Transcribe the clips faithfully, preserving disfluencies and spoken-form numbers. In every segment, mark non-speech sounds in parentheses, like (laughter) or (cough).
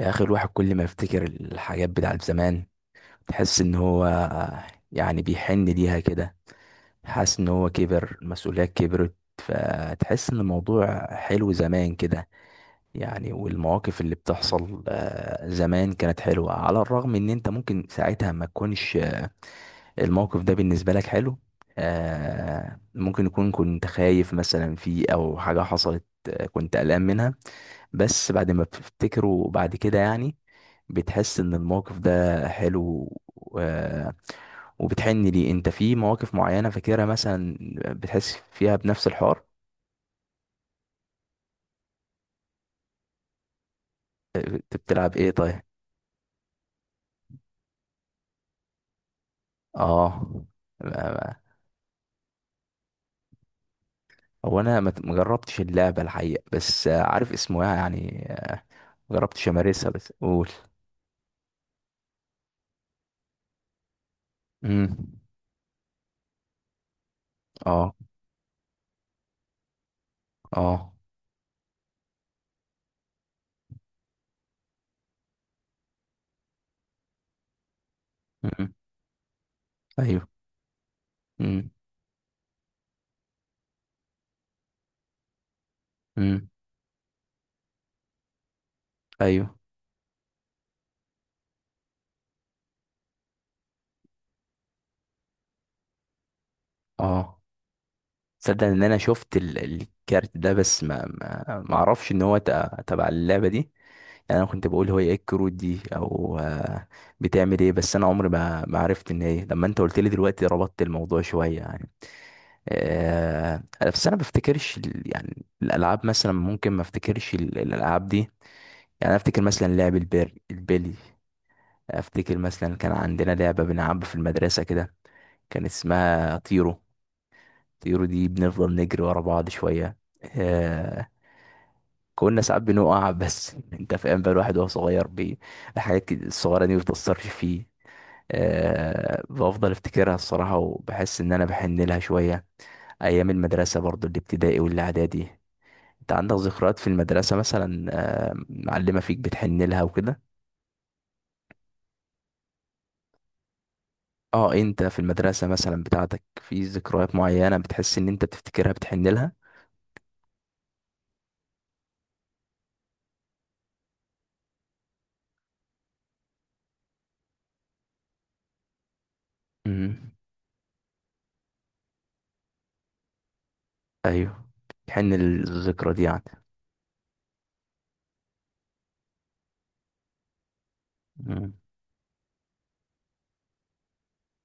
يا اخي، الواحد كل ما يفتكر الحاجات بتاعت زمان تحس ان هو يعني بيحن ليها كده. حاسس ان هو كبر المسؤوليات كبرت فتحس ان الموضوع حلو زمان كده يعني. والمواقف اللي بتحصل آه، زمان كانت حلوة على الرغم ان انت ممكن ساعتها ما تكونش الموقف ده بالنسبة لك حلو. آه، ممكن يكون كنت خايف مثلا فيه او حاجة حصلت، آه، كنت قلقان منها. بس بعد ما بتفتكره بعد كده يعني بتحس ان الموقف ده حلو و... وبتحن ليه، انت في مواقف معينة فاكرها مثلا بتحس فيها بنفس الحوار. انت بتلعب ايه طيب؟ اه. ما- هو انا ما ما جربتش اللعبة الحقيقة، بس عارف اسمها يعني، آه، ما جربتش امارسها، بس قول. امم. اه. اه. امم. ايوه. امم. امم. ايوه. اه. تصدق ان انا شفت ال- الكارت ده، بس ما ما ما اعرفش ان هو تع- تبع اللعبة دي. يعني انا كنت بقول هو ايه الكروت دي، او آه، بتعمل ايه، بس انا عمري ما ما عرفت ان هي. لما انت قلت لي دلوقتي ربطت الموضوع شويه يعني. آه، بس انا ما بفتكرش ال- يعني الالعاب مثلا، ممكن ما افتكرش ال- الالعاب دي يعني. أنا افتكر مثلا لعب البير البلي. افتكر مثلا كان عندنا لعبه بنلعبها في المدرسه كده، كان اسمها طيرو. طيرو دي بنفضل نجري ورا بعض شويه، آه، كنا ساعات بنقع بس (laughs) انت فاهم بقى الواحد وهو صغير بي الحاجات كده الصغيره دي ما بتأثرش فيه. أه بفضل افتكرها الصراحه، وبحس ان انا بحن لها شويه. ايام المدرسه برضو، الابتدائي والاعدادي، انت عندك ذكريات في المدرسه مثلا؟ أه معلمه فيك بتحن لها وكده؟ اه، انت في المدرسه مثلا بتاعتك في ذكريات معينه بتحس ان انت بتفتكرها بتحن لها؟ امم. ايوه. بتحن للذكرى دي يعني. مم.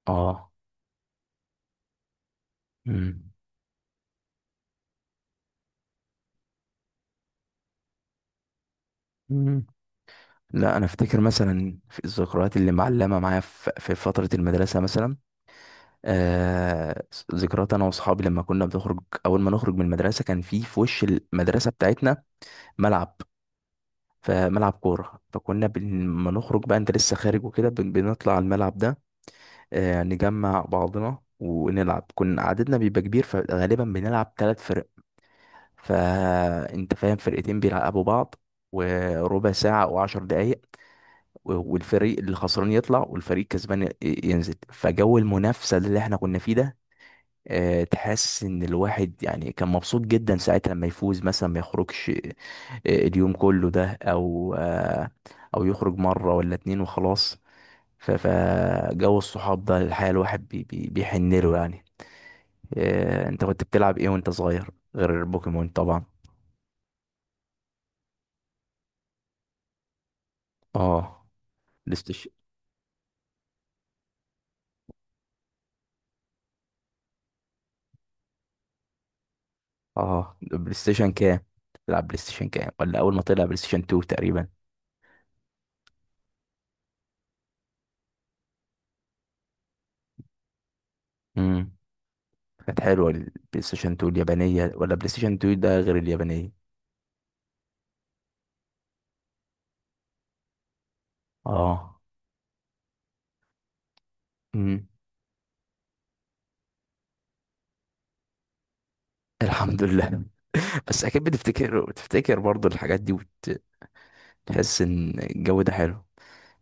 اه. امم. لا، انا افتكر مثلا في الذكريات اللي معلمه معايا في في فتره المدرسه مثلا. آه. ذكريات انا واصحابي لما كنا بنخرج. اول ما نخرج من المدرسه كان في في وش المدرسه بتاعتنا ملعب، فملعب كوره، فكنا بن- لما نخرج بقى انت لسه خارج وكده بن- بنطلع على الملعب ده. آه، نجمع بعضنا ونلعب. كنا عددنا بيبقى كبير، فغالبا بنلعب ثلاث فرق. فانت فاهم، فرقتين بيلعبوا بعض وربع ساعة أو عشر دقايق، و- والفريق اللي خسران يطلع والفريق كسبان ي- ينزل. فجو المنافسة اللي احنا كنا فيه ده، آه، تحس ان الواحد يعني كان مبسوط جدا ساعتها. لما يفوز مثلا ما يخرجش آه، اليوم كله ده، او آه، او يخرج مرة ولا اتنين وخلاص. ف- فجو الصحاب ده الحقيقة الواحد بي- بي- بيحن له يعني. آه، انت كنت بتلعب ايه وانت صغير غير بوكيمون طبعا؟ اه، بلاي ستيشن. اه، بلاي ستيشن كام؟ تلعب بلاي ستيشن كام، ولا اول ما طلع بلاي ستيشن اتنين تقريبا؟ امم. كانت حلوة البلاي ستيشن اتنين اليابانية، ولا بلاي ستيشن اتنين ده غير اليابانية؟ اه. امم. الحمد لله. (laughs) بس اكيد بتفتكر، بتفتكر برضو الحاجات دي، وتحس ان الجو ده حلو.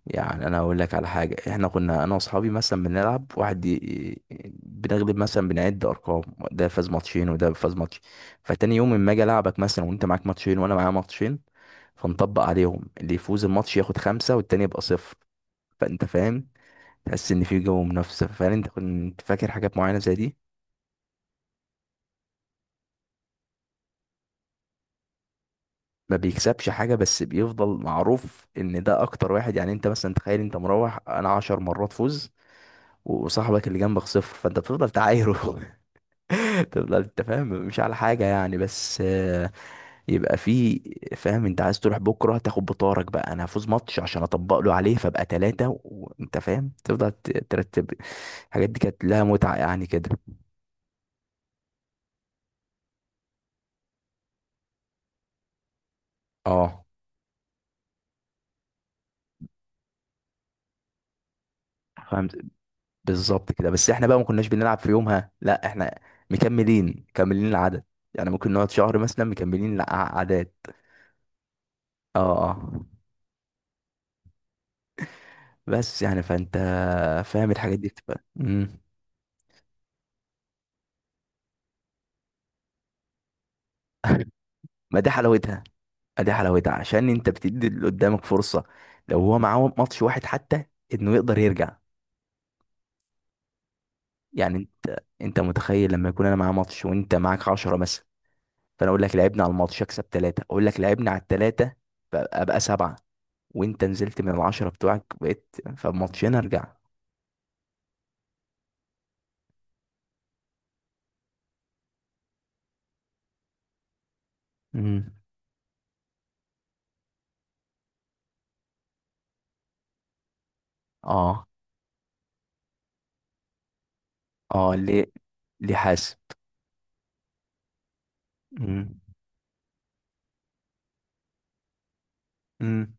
يعني انا اقول لك على حاجة، احنا كنا انا واصحابي مثلا بنلعب واحد ي- بنغلب مثلا، بنعد ارقام. ده فاز ماتشين وده فاز ماتش. فتاني يوم اما اجي العبك مثلا وانت معاك ماتشين وانا معايا ماتشين، فنطبق عليهم، اللي يفوز الماتش ياخد خمسة والتاني يبقى صفر. فانت فاهم، تحس ان في جو منافسه فعلا. انت كنت فاكر حاجات معينه زي دي؟ ما بيكسبش حاجه، بس بيفضل معروف ان ده اكتر واحد. يعني انت مثلا تخيل، انت مروح انا عشر مرات فوز وصاحبك اللي جنبك صفر، فانت بتفضل تعايره (laughs) تفضل، انت فاهم، مش على حاجه يعني، بس آه، يبقى في، فاهم. انت عايز تروح بكره تاخد بطارك بقى، انا هفوز ماتش عشان اطبق له عليه فابقى ثلاثه. وانت فاهم تفضل ت- ترتب. الحاجات دي كانت لها متعه يعني كده. اه، فاهم. بالظبط كده. بس احنا بقى ما كناش بنلعب في يومها، لا، احنا مكملين مكملين العدد. يعني ممكن نقعد شهر مثلا مكملين العدد. اه. اه. بس يعني، فانت فاهم، الحاجات دي بتبقى مم. (laughs) ما دي حلاوتها. ما دي حلاوتها عشان انت بتدي اللي قدامك فرصة، لو هو معاه ماتش واحد حتى انه يقدر يرجع. يعني انت انت متخيل لما يكون انا معاه ماتش وانت معاك عشرة مثلا، فانا اقول لك لعبنا على الماتش، اكسب ثلاثة، اقول لك لعبنا على الثلاثة، فابقى سبعة. وانت نزلت من العشرة بتوعك، بقيت فماتشين، ارجع. امم. اه. اه ليه، ليه حاسب. امم. امم.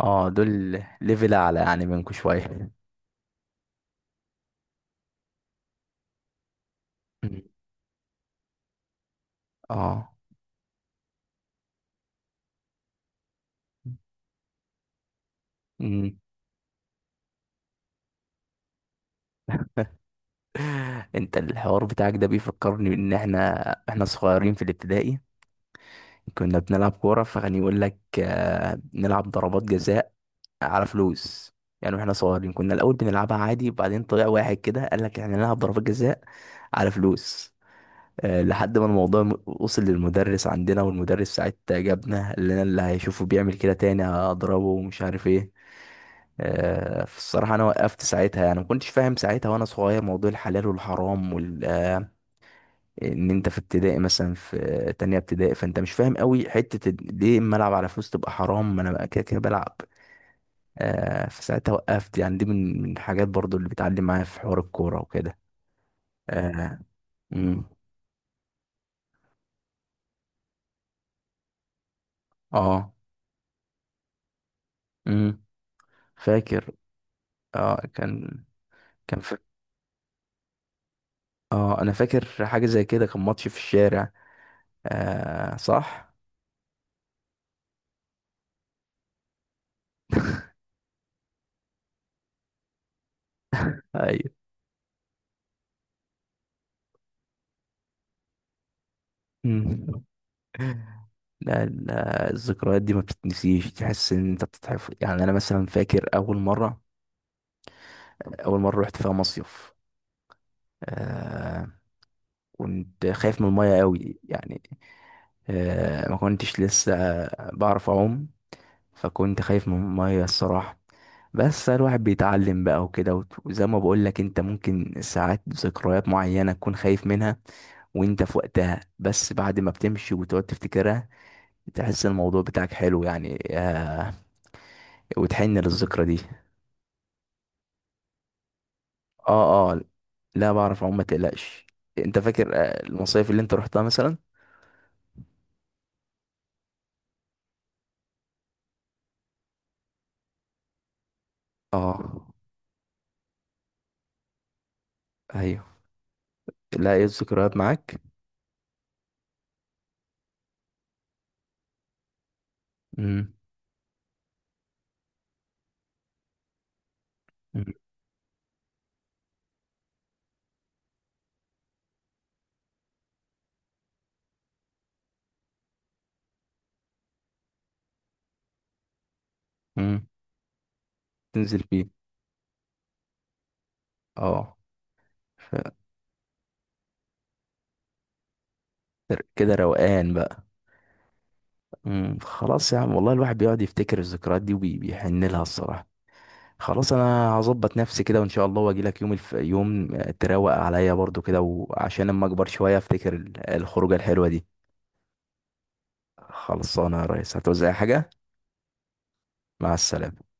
اه دول ليفل اعلى يعني منكم شوية. مم. اه. امم. (laughs) انت الحوار بتاعك ده بيفكرني ان احنا احنا صغيرين في الابتدائي كنا بنلعب كورة، فكان يقول لك آه، نلعب ضربات جزاء على فلوس. يعني واحنا صغيرين كنا الاول بنلعبها عادي، وبعدين طلع واحد كده قال لك احنا نلعب ضربات جزاء على فلوس. آه، لحد ما الموضوع م- وصل للمدرس عندنا، والمدرس ساعتها جابنا، اللي انا اللي هيشوفه بيعمل كده تاني هضربه ومش عارف ايه. آه، فالصراحة انا وقفت ساعتها يعني، ما كنتش فاهم ساعتها وانا صغير موضوع الحلال والحرام وال... آه، ان انت في ابتدائي مثلا، في آه، تانية ابتدائي، فانت مش فاهم قوي حتة ال- ليه اما العب على فلوس تبقى حرام، ما انا بقى كده كده بلعب. آه، فساعتها وقفت يعني. دي من من الحاجات برضو اللي بتعلم معايا في حوار الكورة وكده. اه. امم. اه. امم. فاكر. اه كان. كان في. اه انا فاكر حاجه زي كده، كان ماتش في الشارع. آه صح. (laughs) ايوه. مم. لا لا، الذكريات دي ما بتتنسيش، تحس ان انت بتتحفظ. يعني انا مثلا فاكر اول مره، اول مره رحت فيها مصيف. آه كنت خايف من الميه قوي يعني، آه ما كنتش لسه بعرف اعوم، فكنت خايف من المية الصراحة. بس الواحد بيتعلم بقى وكده، وت- وزي ما بقولك، انت ممكن ساعات ذكريات معينة تكون خايف منها وانت في وقتها، بس بعد ما بتمشي وتقعد تفتكرها تحس الموضوع بتاعك حلو يعني آه، وتحن للذكرى دي. اه. اه، لا بعرف اعوم ما تقلقش. انت فاكر آه، المصايف اللي انت رحتها مثلا؟ اه. ايوه. لا ايه الذكريات معاك؟ امم. امم. تنزل فيه. اه. ف- كده روقان بقى. امم. خلاص يا عم، والله الواحد بيقعد يفتكر الذكريات دي وبيحن لها الصراحة. خلاص، انا هظبط نفسي كده وان شاء الله واجي لك يوم الف... يوم تروق عليا برضو كده، وعشان اما اكبر شوية افتكر ال- الخروجة الحلوة دي. خلصانة يا ريس، هتوزع حاجة؟ مع السلامة.